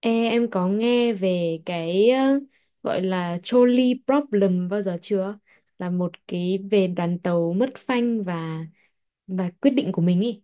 Ê, em có nghe về cái gọi là trolley problem bao giờ chưa? Là một cái về đoàn tàu mất phanh và quyết định của mình ý.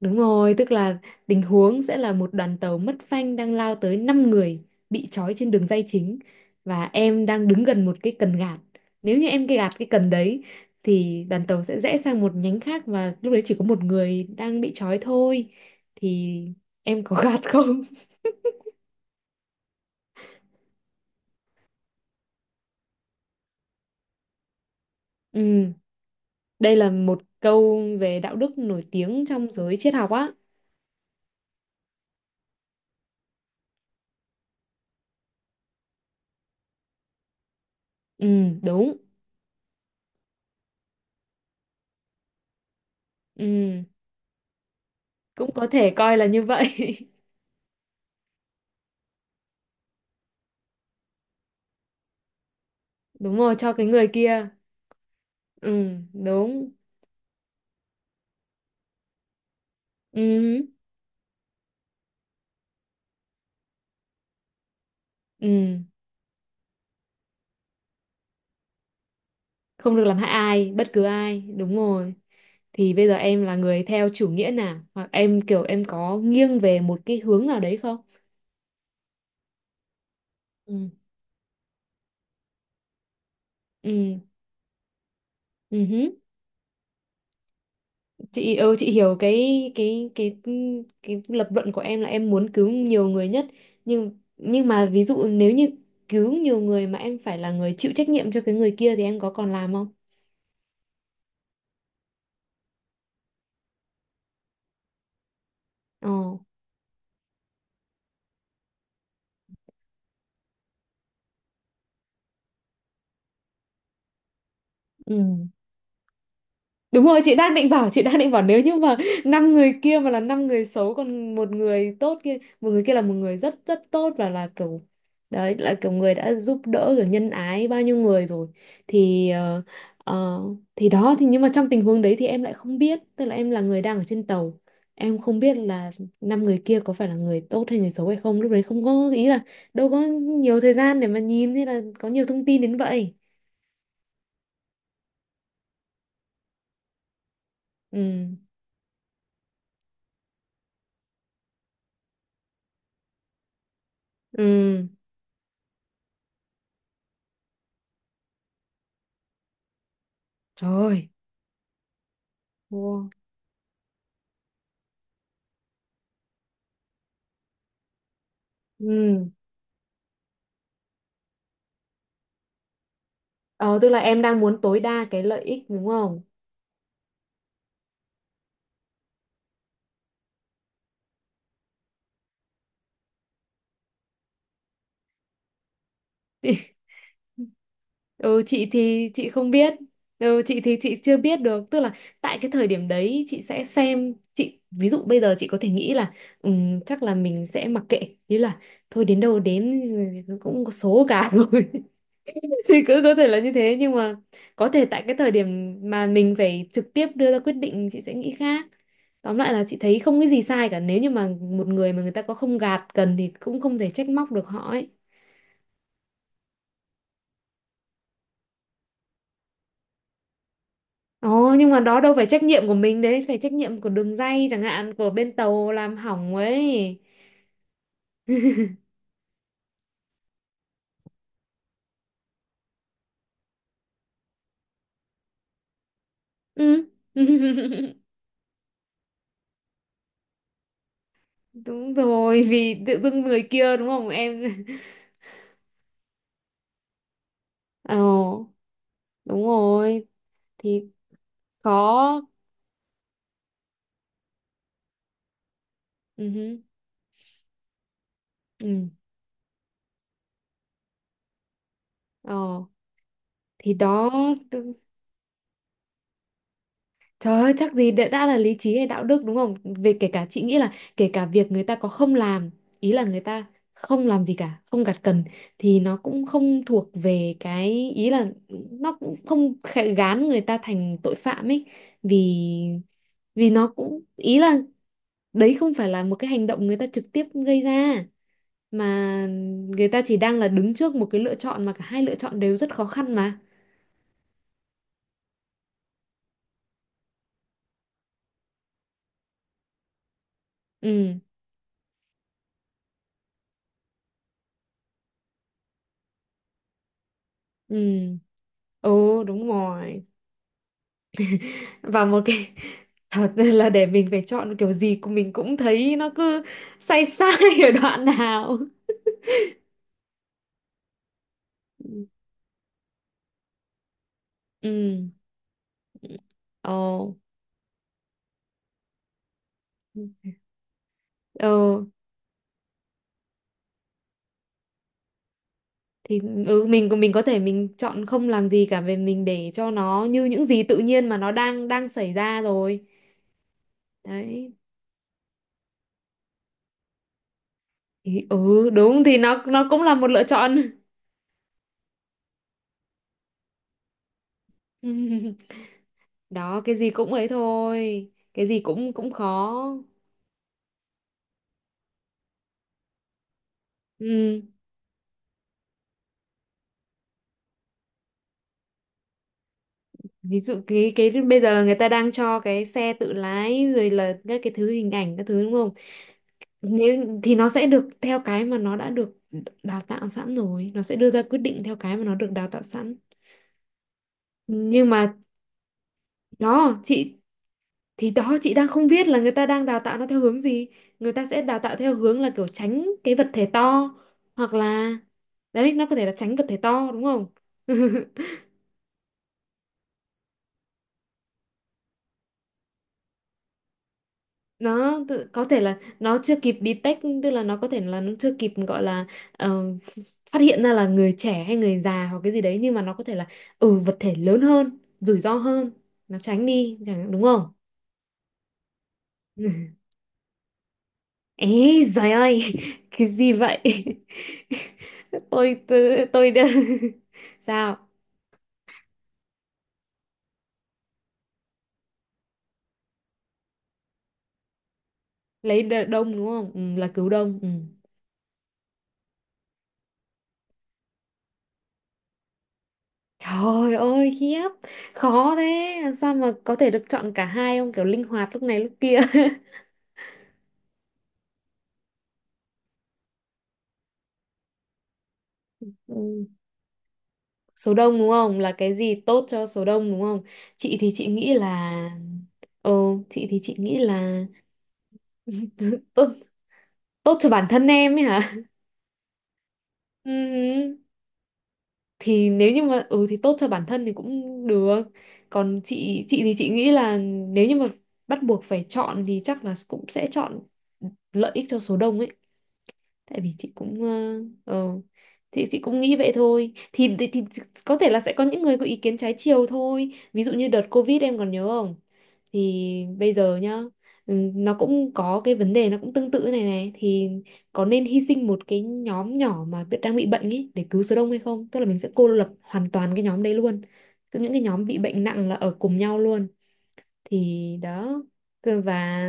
Đúng rồi, tức là tình huống sẽ là một đoàn tàu mất phanh đang lao tới 5 người bị trói trên đường ray chính và em đang đứng gần một cái cần gạt. Nếu như em cái gạt cái cần đấy thì đoàn tàu sẽ rẽ sang một nhánh khác và lúc đấy chỉ có một người đang bị trói thôi. Thì em có gạt không? Ừ. Đây là một câu về đạo đức nổi tiếng trong giới triết học á. Ừ, đúng. Ừ, cũng có thể coi là như vậy. Đúng rồi, cho cái người kia. Ừ, đúng. Ừ, ừ. Không được làm hại ai, bất cứ ai. Đúng rồi. Thì bây giờ em là người theo chủ nghĩa nào? Hoặc em kiểu em có nghiêng về một cái hướng nào đấy không? Ừ, ừ, ừ. Chị hiểu cái lập luận của em là em muốn cứu nhiều người nhất, nhưng mà ví dụ nếu như cứu nhiều người mà em phải là người chịu trách nhiệm cho cái người kia thì em có còn làm không? Ồ. Ừ. Đúng rồi, chị đang định bảo nếu như mà năm người kia mà là năm người xấu còn một người tốt kia, một người kia là một người rất rất tốt và là kiểu đấy là kiểu người đã giúp đỡ rồi nhân ái bao nhiêu người rồi. Thì ờ, ờ, thì đó thì nhưng mà trong tình huống đấy thì em lại không biết, tức là em là người đang ở trên tàu. Em không biết là năm người kia có phải là người tốt hay người xấu hay không, lúc đấy không có ý là đâu có nhiều thời gian để mà nhìn hay là có nhiều thông tin đến vậy. Ừ. Ừ. Rồi. Ừ. Ờ, tức là em đang muốn tối đa cái lợi ích đúng không? Ừ, chị thì chị không biết. Ừ, chị thì chị chưa biết được. Tức là tại cái thời điểm đấy chị sẽ xem chị, ví dụ bây giờ chị có thể nghĩ là chắc là mình sẽ mặc kệ, ý là thôi đến đâu đến, cũng có số cả rồi. Thì cứ có thể là như thế nhưng mà có thể tại cái thời điểm mà mình phải trực tiếp đưa ra quyết định chị sẽ nghĩ khác. Tóm lại là chị thấy không cái gì sai cả, nếu như mà một người mà người ta có không gạt cần thì cũng không thể trách móc được họ ấy. Ồ, nhưng mà đó đâu phải trách nhiệm của mình đấy, phải trách nhiệm của đường ray chẳng hạn, của bên tàu làm hỏng ấy. Ừ. Đúng rồi, vì tự dưng người kia đúng không em? Ồ, đúng rồi, thì có. Ừ. Hứ, ừ. Ờ. Thì đó. tự- Trời ơi, chắc gì đã là lý trí hay đạo đức đúng không, về kể cả chị nghĩ là kể cả việc người ta có không làm, ý là người ta không làm gì cả không gặt cần, thì nó cũng không thuộc về cái ý là, nó cũng không gán người ta thành tội phạm ấy. Vì vì nó cũng ý là đấy không phải là một cái hành động người ta trực tiếp gây ra, mà người ta chỉ đang là đứng trước một cái lựa chọn mà cả hai lựa chọn đều rất khó khăn mà. Ừ. Ừ. Ồ đúng rồi. Và một cái thật là để mình phải chọn kiểu gì của mình cũng thấy nó cứ sai sai ở đoạn nào. Ừ. Ừ. Ồ. Ừ thì ừ, mình có thể mình chọn không làm gì cả, về mình để cho nó như những gì tự nhiên mà nó đang đang xảy ra rồi. Đấy. Thì ừ đúng, thì nó cũng là một lựa chọn. Đó, cái gì cũng ấy thôi, cái gì cũng cũng khó. Ừ. Ví dụ cái bây giờ người ta đang cho cái xe tự lái rồi là các cái thứ hình ảnh các thứ đúng không. Nếu thì nó sẽ được theo cái mà nó đã được đào tạo sẵn, rồi nó sẽ đưa ra quyết định theo cái mà nó được đào tạo sẵn. Nhưng mà đó chị, thì đó chị đang không biết là người ta đang đào tạo nó theo hướng gì. Người ta sẽ đào tạo theo hướng là kiểu tránh cái vật thể to, hoặc là đấy, nó có thể là tránh vật thể to đúng không. Nó có thể là nó chưa kịp detect, tức là nó có thể là nó chưa kịp gọi là ờ, ph- phát hiện ra là người trẻ hay người già hoặc cái gì đấy, nhưng mà nó có thể là ừ vật thể lớn hơn rủi ro hơn nó tránh đi chẳng đúng không. Ấy giời ơi. Cái gì vậy. Tôi đã. Sao lấy đông đúng không, ừ, là cứu đông. Ừ. Trời ơi khiếp, khó thế làm sao mà có thể được chọn cả hai không, kiểu linh hoạt lúc này lúc kia. Ừ. Số đông đúng không, là cái gì tốt cho số đông đúng không. Chị thì chị nghĩ là ừ, chị thì chị nghĩ là tốt tốt cho bản thân em ấy hả. Ừ, thì nếu như mà ừ thì tốt cho bản thân thì cũng được. Còn chị thì chị nghĩ là nếu như mà bắt buộc phải chọn thì chắc là cũng sẽ chọn lợi ích cho số đông ấy, tại vì chị cũng ừ, thì, chị cũng nghĩ vậy thôi, thì. Có thể là sẽ có những người có ý kiến trái chiều thôi, ví dụ như đợt Covid em còn nhớ không, thì bây giờ nhá, ừ, nó cũng có cái vấn đề nó cũng tương tự này này. Thì có nên hy sinh một cái nhóm nhỏ mà đang bị bệnh ấy để cứu số đông hay không, tức là mình sẽ cô lập hoàn toàn cái nhóm đấy luôn. Cứ những cái nhóm bị bệnh nặng là ở cùng nhau luôn. Thì đó. Và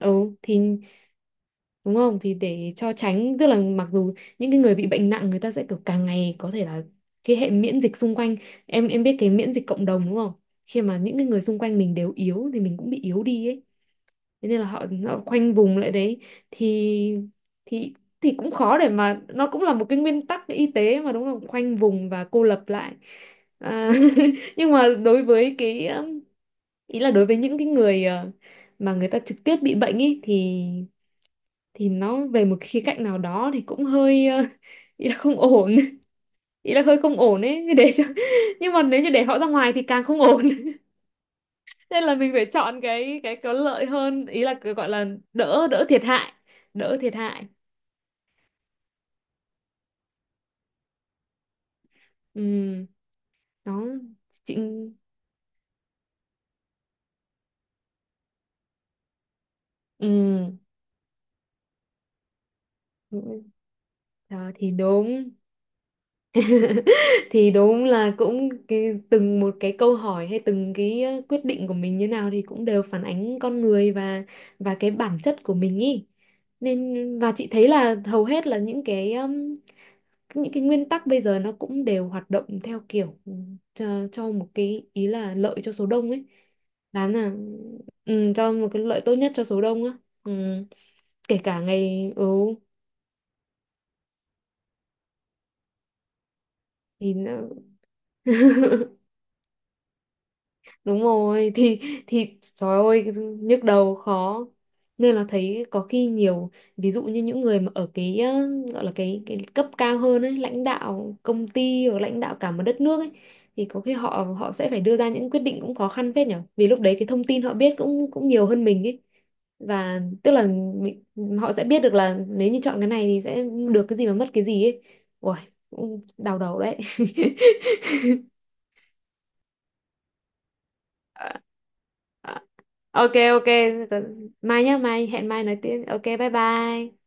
ừ thì đúng không, thì để cho tránh, tức là mặc dù những cái người bị bệnh nặng người ta sẽ kiểu càng ngày có thể là cái hệ miễn dịch xung quanh. Em biết cái miễn dịch cộng đồng đúng không. Khi mà những cái người xung quanh mình đều yếu thì mình cũng bị yếu đi ấy, thế nên là họ khoanh vùng lại đấy. Thì thì thì cũng khó, để mà nó cũng là một cái nguyên tắc y tế mà đúng không, khoanh vùng và cô lập lại. À, nhưng mà đối với cái ý là đối với những cái người mà người ta trực tiếp bị bệnh ấy thì nó về một khía cạnh nào đó thì cũng hơi ý là không ổn, ý là hơi không ổn ấy để cho. Nhưng mà nếu như để họ ra ngoài thì càng không ổn. Nên là mình phải chọn cái có lợi hơn, ý là cái gọi là đỡ đỡ thiệt hại, đỡ thiệt hại. Ừ, nó. Chị ừ, đó thì đúng. Thì đúng là cũng cái, từng một cái câu hỏi hay từng cái quyết định của mình như nào thì cũng đều phản ánh con người và cái bản chất của mình ý. Nên và chị thấy là hầu hết là những cái nguyên tắc bây giờ nó cũng đều hoạt động theo kiểu ừ, cho một cái ý là lợi cho số đông ấy. Đáng là ừ, cho một cái lợi tốt nhất cho số đông á. Ừ. Kể cả ngày ừ thì nó. Đúng rồi thì trời ơi nhức đầu khó. Nên là thấy có khi nhiều ví dụ như những người mà ở cái gọi là cái cấp cao hơn ấy, lãnh đạo công ty hoặc lãnh đạo cả một đất nước ấy, thì có khi họ họ sẽ phải đưa ra những quyết định cũng khó khăn phết nhở, vì lúc đấy cái thông tin họ biết cũng cũng nhiều hơn mình ấy. Và tức là mình, họ sẽ biết được là nếu như chọn cái này thì sẽ được cái gì mà mất cái gì ấy. Ôi, cũng đau đầu đấy. Ờ, ờ. Ờ. Ok ok. Mai nhá, mai hẹn mai nói tiếp, ok bye bye.